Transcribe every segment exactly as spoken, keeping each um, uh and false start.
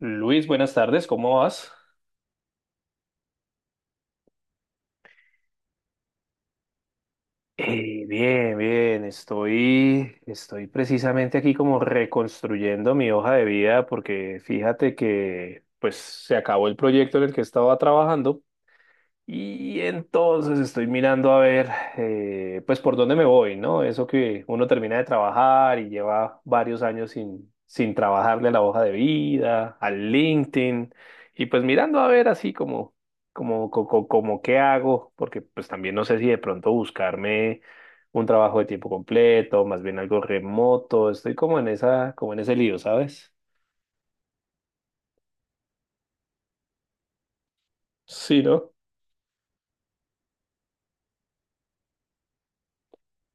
Luis, buenas tardes, ¿cómo vas? Eh, bien, bien, estoy, estoy precisamente aquí como reconstruyendo mi hoja de vida porque fíjate que pues se acabó el proyecto en el que estaba trabajando. Y entonces estoy mirando a ver, eh, pues por dónde me voy, ¿no? Eso que uno termina de trabajar y lleva varios años sin, sin trabajarle a la hoja de vida, al LinkedIn, y pues mirando a ver así como, como, co- co- como, qué hago, porque pues también no sé si de pronto buscarme un trabajo de tiempo completo, más bien algo remoto, estoy como en esa, como en ese lío, ¿sabes? Sí, ¿no?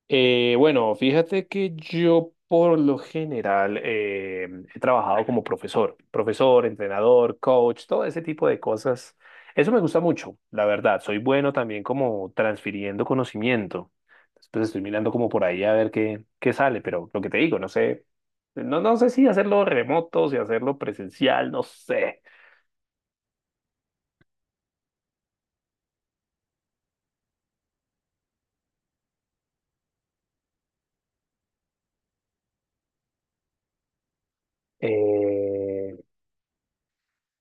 Eh, bueno, fíjate que yo por lo general eh, he trabajado como profesor, profesor, entrenador, coach, todo ese tipo de cosas. Eso me gusta mucho, la verdad. Soy bueno también como transfiriendo conocimiento. Después estoy mirando como por ahí a ver qué, qué sale, pero lo que te digo, no sé, no, no sé si hacerlo remoto, si hacerlo presencial, no sé. Eh,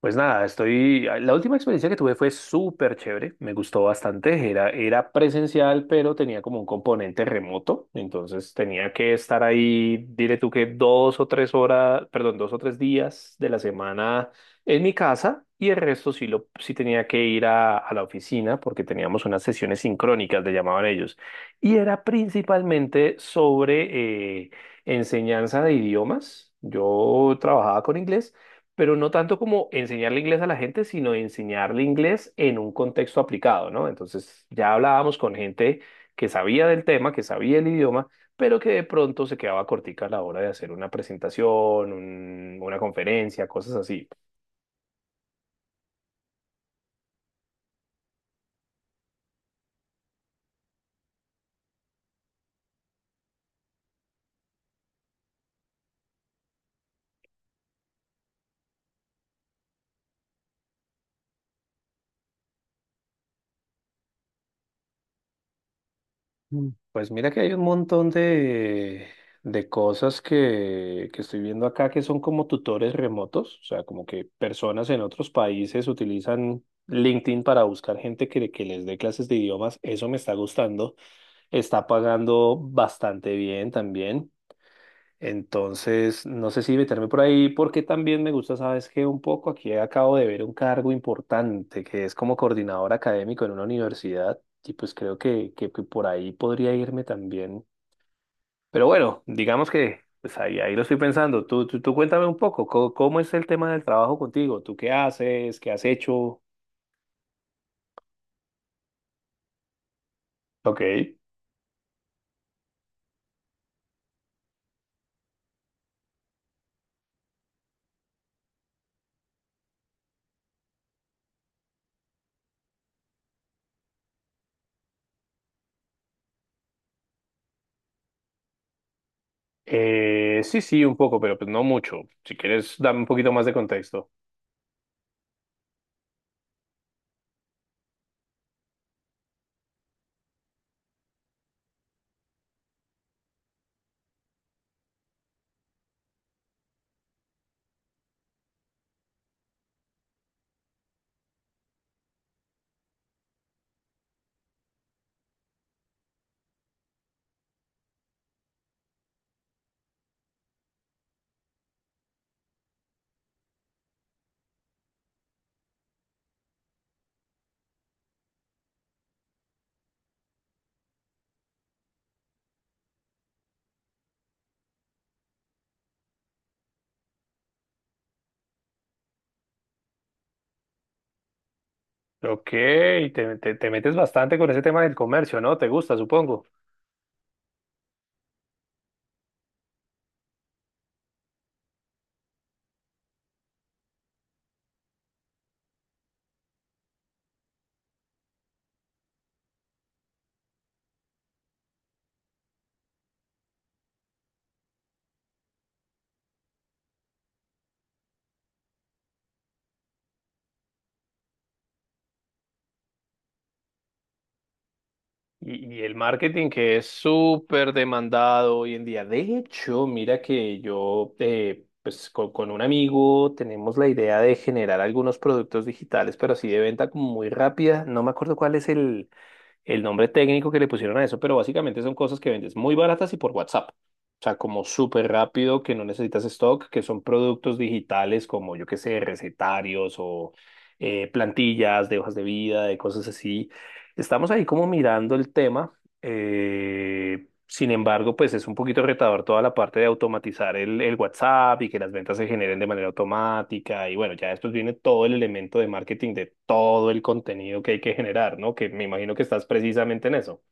Pues nada, estoy. ah, la última experiencia que tuve fue súper chévere, me gustó bastante. Era, era presencial, pero tenía como un componente remoto. Entonces tenía que estar ahí, diré tú que dos o tres horas, perdón, dos o tres días de la semana en mi casa y el resto sí, lo, sí tenía que ir a, a la oficina porque teníamos unas sesiones sincrónicas, le llamaban ellos. Y era principalmente sobre eh, enseñanza de idiomas. Yo trabajaba con inglés pero no tanto como enseñarle inglés a la gente, sino enseñarle inglés en un contexto aplicado, ¿no? Entonces ya hablábamos con gente que sabía del tema, que sabía el idioma, pero que de pronto se quedaba cortica a la hora de hacer una presentación, un- una conferencia, cosas así. Mm. Pues mira que hay un montón de, de cosas que, que estoy viendo acá que son como tutores remotos, o sea, como que personas en otros países utilizan LinkedIn para buscar gente que, que les dé clases de idiomas. Eso me está gustando, está pagando bastante bien también. Entonces, no sé si meterme por ahí porque también me gusta, sabes que un poco aquí acabo de ver un cargo importante que es como coordinador académico en una universidad y pues creo que, que, que por ahí podría irme también. Pero bueno, digamos que pues ahí, ahí lo estoy pensando. Tú, tú, tú cuéntame un poco, ¿cómo, cómo es el tema del trabajo contigo? ¿Tú qué haces? ¿Qué has hecho? Ok. Eh, sí, sí, un poco, pero pues no mucho. Si quieres, dame un poquito más de contexto. Ok, te, te- te metes bastante con ese tema del comercio, ¿no? Te gusta, supongo. Y, y el marketing que es súper demandado hoy en día. De hecho, mira que yo, eh, pues con, con un amigo tenemos la idea de generar algunos productos digitales, pero así de venta como muy rápida. No me acuerdo cuál es el nombre técnico que le pusieron a eso, pero básicamente son cosas que vendes muy baratas y por WhatsApp. O sea, como súper rápido, que no necesitas stock, que son productos digitales como, yo qué sé, recetarios o eh, plantillas de hojas de vida, de cosas así. Estamos ahí como mirando el tema eh, sin embargo, pues es un poquito retador toda la parte de automatizar el, el WhatsApp y que las ventas se generen de manera automática. Y bueno, ya después viene todo el elemento de marketing de todo el contenido que hay que generar, ¿no? Que me imagino que estás precisamente en eso.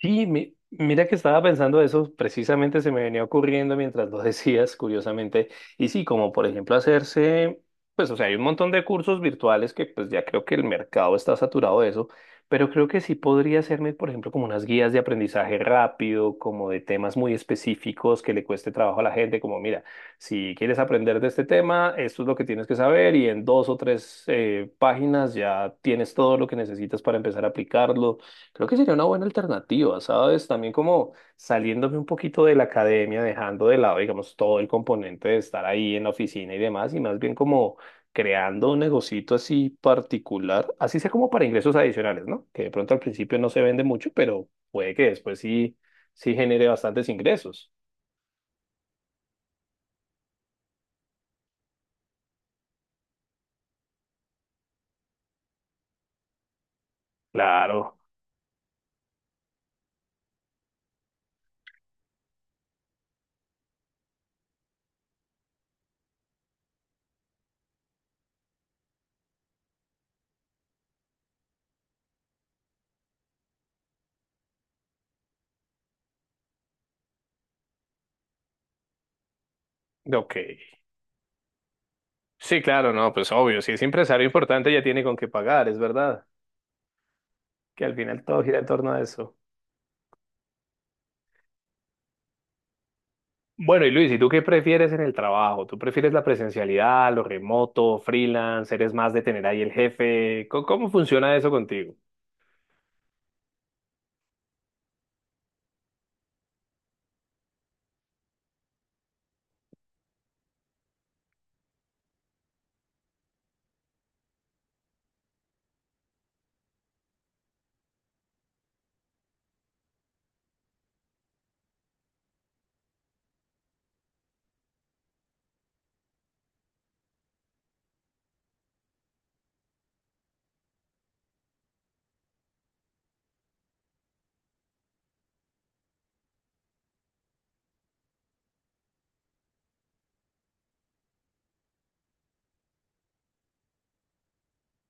Sí, mi- mira que estaba pensando eso, precisamente se me venía ocurriendo mientras lo decías, curiosamente. Y sí, como por ejemplo hacerse, pues o sea, hay un montón de cursos virtuales que pues ya creo que el mercado está saturado de eso, pero creo que sí podría hacerme, por ejemplo, como unas guías de aprendizaje rápido, como de temas muy específicos que le cueste trabajo a la gente, como mira, si quieres aprender de este tema, esto es lo que tienes que saber y en dos o tres eh, páginas ya tienes todo lo que necesitas para empezar a aplicarlo. Creo que sería una buena alternativa, ¿sabes? También como saliéndome un poquito de la academia, dejando de lado, digamos, todo el componente de estar ahí en la oficina y demás, y más bien como creando un negocito así particular, así sea como para ingresos adicionales, ¿no? Que de pronto al principio no se vende mucho, pero puede que después sí, sí genere bastantes ingresos. Claro, ok. Sí, claro, no, pues obvio, si es empresario importante ya tiene con qué pagar, es verdad, que al final todo gira en torno a eso. Bueno, y Luis, ¿y tú qué prefieres en el trabajo? ¿Tú prefieres la presencialidad, lo remoto, freelance? ¿Eres más de tener ahí el jefe? ¿Cómo, cómo funciona eso contigo?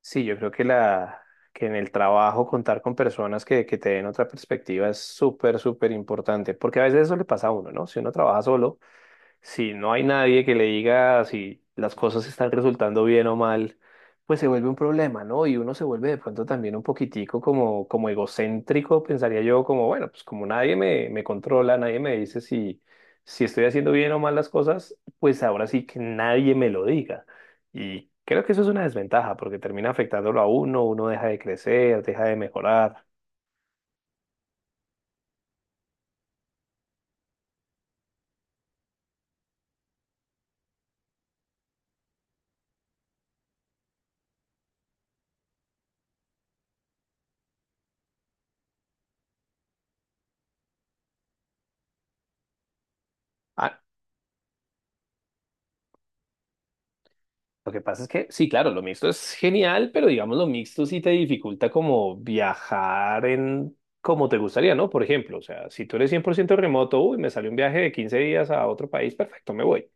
Sí, yo creo que la que en el trabajo contar con personas que, que te den otra perspectiva es súper, súper importante, porque a veces eso le pasa a uno, ¿no? Si uno trabaja solo, si no hay nadie que le diga si las cosas están resultando bien o mal, pues se vuelve un problema, ¿no? Y uno se vuelve de pronto también un poquitico como, como egocéntrico, pensaría yo, como, bueno, pues como nadie me, me controla, nadie me dice si, si estoy haciendo bien o mal las cosas, pues ahora sí que nadie me lo diga. Y creo que eso es una desventaja porque termina afectándolo a uno, uno deja de crecer, deja de mejorar. A- lo que pasa es que, sí, claro, lo mixto es genial, pero digamos lo mixto sí te dificulta como viajar en como te gustaría, ¿no? Por ejemplo, o sea, si tú eres cien por ciento remoto, uy, me sale un viaje de quince días a otro país, perfecto, me voy.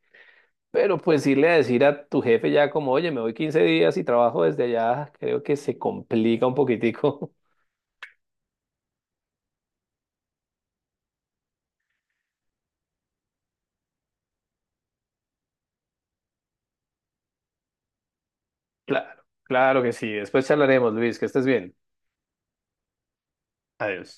Pero pues irle a decir a tu jefe ya como, oye, me voy quince días y trabajo desde allá, creo que se complica un poquitico. Claro, claro que sí. Después charlaremos, Luis, que estés bien. Adiós.